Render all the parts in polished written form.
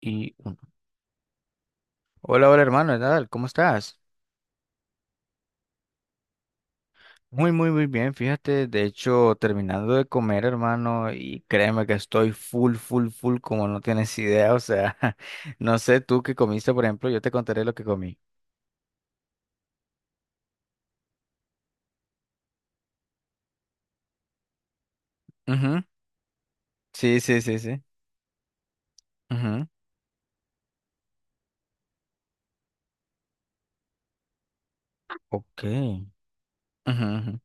Y hola, hola hermano, ¿qué tal? ¿Cómo estás? Muy bien, fíjate, de hecho, terminando de comer, hermano, y créeme que estoy full, como no tienes idea, o sea, no sé tú qué comiste, por ejemplo, yo te contaré lo que comí. Ujú. Sí, sí, sí, sí. Ujú. Ok. Ujú, ujú.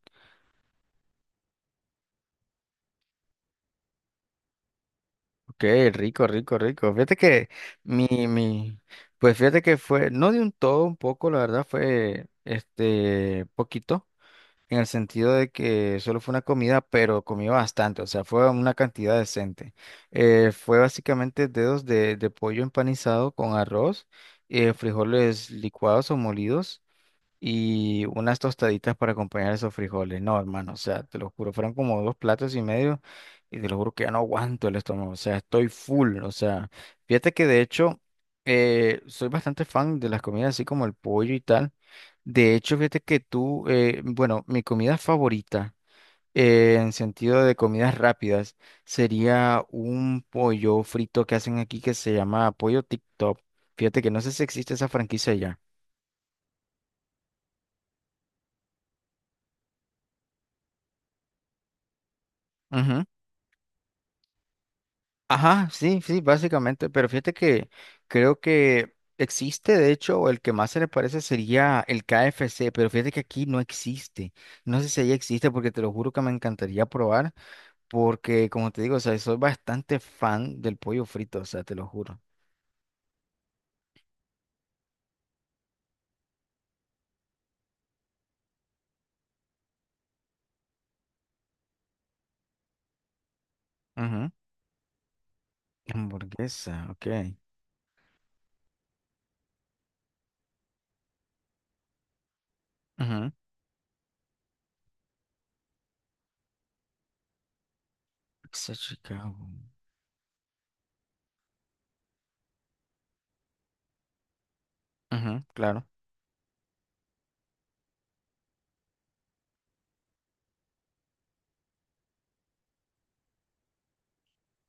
Ok, rico. Fíjate que mi, mi, pues fíjate que fue, no de un todo, un poco, la verdad, fue, poquito, en el sentido de que solo fue una comida, pero comí bastante, o sea, fue una cantidad decente. Fue básicamente dedos de pollo empanizado con arroz, frijoles licuados o molidos y unas tostaditas para acompañar esos frijoles. No, hermano, o sea, te lo juro, fueron como dos platos y medio y te lo juro que ya no aguanto el estómago, o sea, estoy full, o sea, fíjate que de hecho soy bastante fan de las comidas así como el pollo y tal. De hecho, fíjate que tú, bueno, mi comida favorita en sentido de comidas rápidas sería un pollo frito que hacen aquí que se llama pollo TikTok. Fíjate que no sé si existe esa franquicia ya. Ajá, sí, sí, básicamente, pero fíjate que creo que existe, de hecho, el que más se le parece sería el KFC, pero fíjate que aquí no existe. No sé si allá existe porque te lo juro que me encantaría probar, porque como te digo, o sea, soy bastante fan del pollo frito, o sea, te lo juro. Ujú. Hamburguesa, ok. Ujú. Pizza Chicago. Ujú, claro.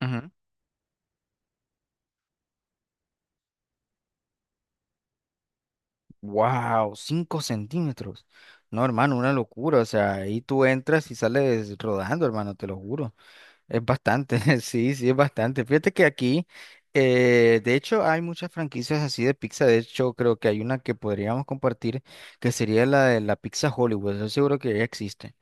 Ujú. Wow, 5 centímetros. No, hermano, una locura. O sea, ahí tú entras y sales rodando, hermano, te lo juro. Es bastante, sí, sí, es bastante. Fíjate que aquí, de hecho, hay muchas franquicias así de pizza. De hecho, creo que hay una que podríamos compartir, que sería la de la pizza Hollywood. Estoy seguro que ya existe.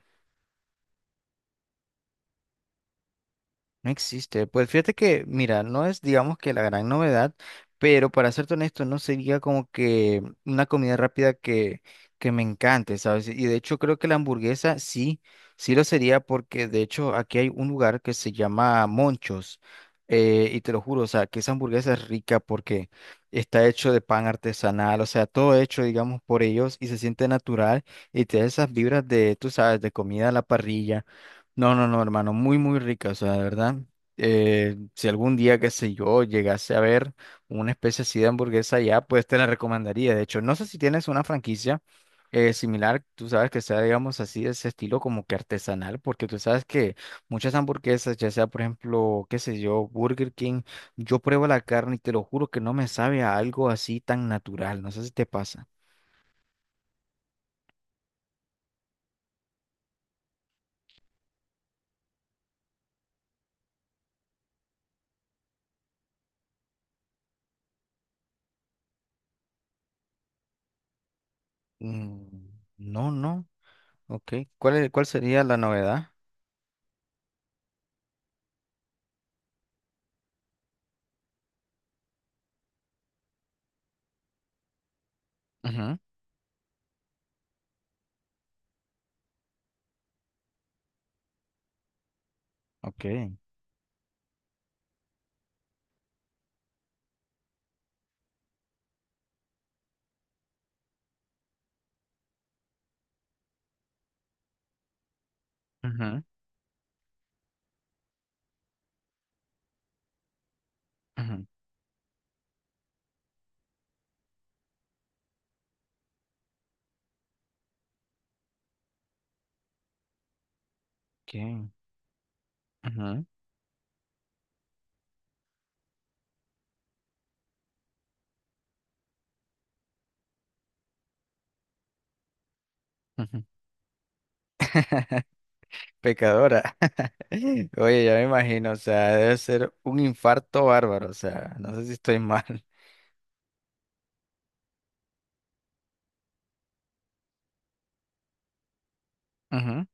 No existe. Pues fíjate que, mira, no es, digamos que la gran novedad, pero para serte honesto, no sería como que una comida rápida que me encante, ¿sabes? Y de hecho creo que la hamburguesa sí, sí lo sería porque de hecho aquí hay un lugar que se llama Monchos. Y te lo juro, o sea, que esa hamburguesa es rica porque está hecho de pan artesanal, o sea, todo hecho, digamos, por ellos y se siente natural y te da esas vibras de, tú sabes, de comida a la parrilla. No, hermano, muy, muy rica, o sea, de verdad. Si algún día, qué sé yo, llegase a ver una especie así de hamburguesa allá, pues te la recomendaría. De hecho, no sé si tienes una franquicia similar, tú sabes que sea, digamos, así de ese estilo como que artesanal, porque tú sabes que muchas hamburguesas, ya sea, por ejemplo, qué sé yo, Burger King, yo pruebo la carne y te lo juro que no me sabe a algo así tan natural. No sé si te pasa. Mm, no, no, ok. ¿Cuál es- cuál sería la novedad? Ujú. Ok. Ujú, ujú. ¿Qué? Ujú, ujú. Pecadora. Oye, ya me imagino, o sea, debe ser un infarto bárbaro, o sea, no sé si estoy mal. Ujú.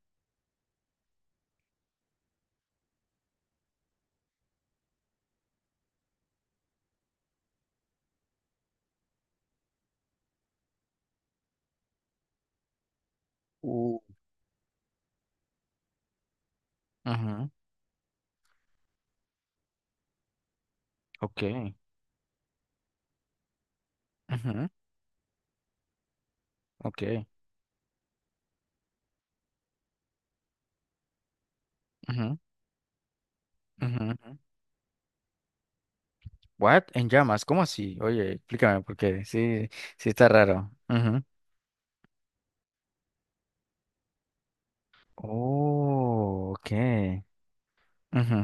Uh. Ujú. Ok. Ujú. Ok. Ujú, ujú, ujú. What? En llamas, ¿cómo así? Oye, explícame porque sí, sí está raro. Ujú. Oh, ok. Ujú.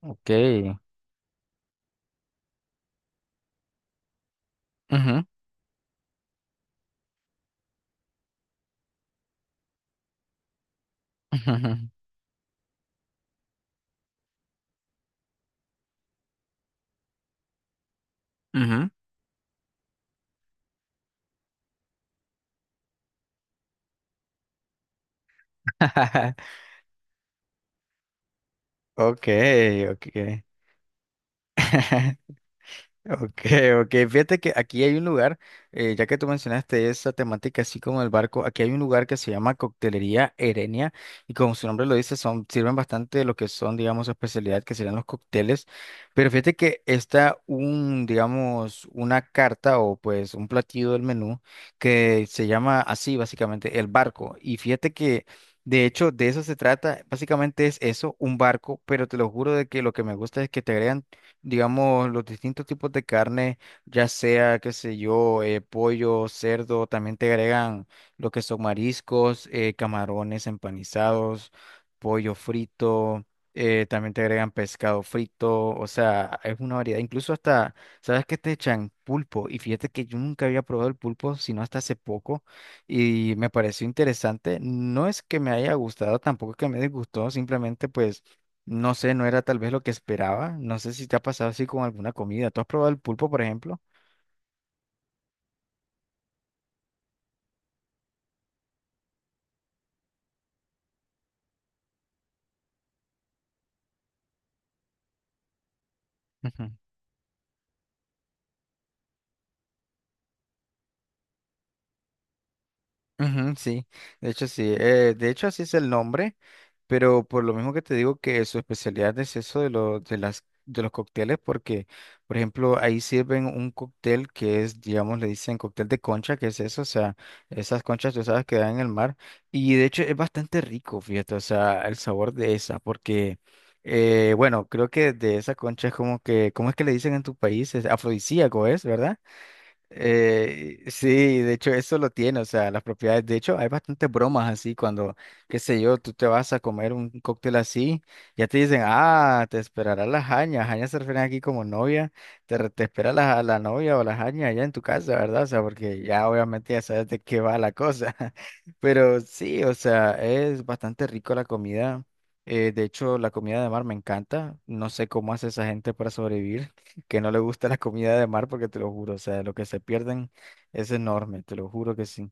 Ok. Ujú, ujú, ujú. Ujú. Ok, ok. Ok, ok. Fíjate que aquí hay un lugar, ya que tú mencionaste esa temática así como el barco, aquí hay un lugar que se llama Coctelería Erenia y como su nombre lo dice, son, sirven bastante de lo que son, digamos, su especialidad, que serían los cócteles. Pero fíjate que está un, digamos, una carta o pues un platillo del menú que se llama así, básicamente, el barco. Y fíjate que... De hecho, de eso se trata. Básicamente es eso, un barco, pero te lo juro de que lo que me gusta es que te agregan, digamos, los distintos tipos de carne, ya sea, qué sé yo, pollo, cerdo, también te agregan lo que son mariscos, camarones empanizados, pollo frito, también te agregan pescado frito, o sea, es una variedad, incluso hasta, ¿sabes qué te echan? Pulpo, y fíjate que yo nunca había probado el pulpo, sino hasta hace poco, y me pareció interesante, no es que me haya gustado, tampoco es que me disgustó, simplemente pues... No sé, no era tal vez lo que esperaba. No sé si te ha pasado así con alguna comida. ¿Tú has probado el pulpo, por ejemplo? Ujú, sí, de hecho así es el nombre, pero por lo mismo que te digo que su especialidad es eso de, lo- de, las, de los cócteles, porque por ejemplo ahí sirven un cóctel que es, digamos, le dicen cóctel de concha, que es eso, o sea, esas conchas tú sabes que dan en el mar, y de hecho es bastante rico, fíjate, o sea, el sabor de esa, porque bueno, creo que de esa concha es como que, ¿cómo es que le dicen en tu país? Es afrodisíaco, ¿es, verdad? Sí, de hecho eso lo tiene, o sea, las propiedades, de hecho hay bastantes bromas así cuando, qué sé yo, tú te vas a comer un cóctel así, ya te dicen, ah, te esperará la jaña, jaña se refieren aquí como novia, te, re- te espera la novia o la jaña allá en tu casa, ¿verdad? O sea, porque ya obviamente ya sabes de qué va la cosa, pero sí, o sea, es bastante rico la comida, de hecho la comida de mar me encanta, no sé cómo hace esa gente para sobrevivir que no le gusta la comida de mar porque te lo juro, o sea, lo que se pierden es enorme, te lo juro que sí.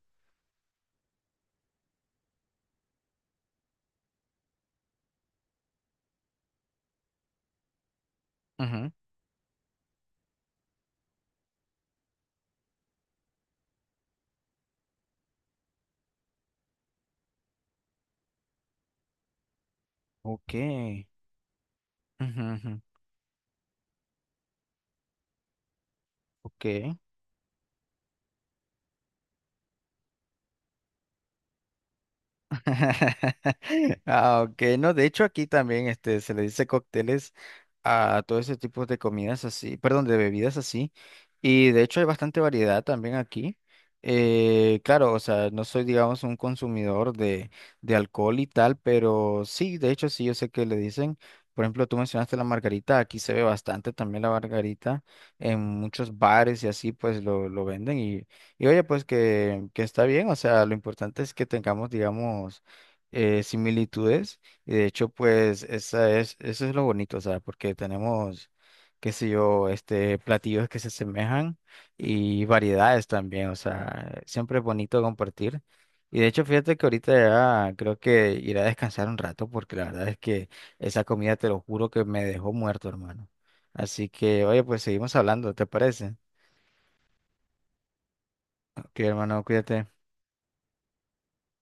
Ujú. Ok. Ujú, ujú. Ok. Ah, ok, no, de hecho aquí también este, se le dice cócteles a todo ese tipo de comidas así, perdón, de bebidas así, y de hecho hay bastante variedad también aquí. Claro, o sea, no soy, digamos, un consumidor de alcohol y tal, pero sí, de hecho sí, yo sé que le dicen, por ejemplo, tú mencionaste la margarita, aquí se ve bastante también la margarita, en muchos bares y así, pues lo venden y oye, pues que está bien, o sea, lo importante es que tengamos, digamos, similitudes. Y de hecho, pues, esa es, eso es lo bonito, o sea, porque tenemos, qué sé yo, este, platillos que se asemejan y variedades también, o sea, siempre es bonito compartir. Y de hecho, fíjate que ahorita ya creo que iré a descansar un rato, porque la verdad es que esa comida, te lo juro, que me dejó muerto, hermano. Así que, oye, pues seguimos hablando, ¿te parece? Ok, hermano, cuídate.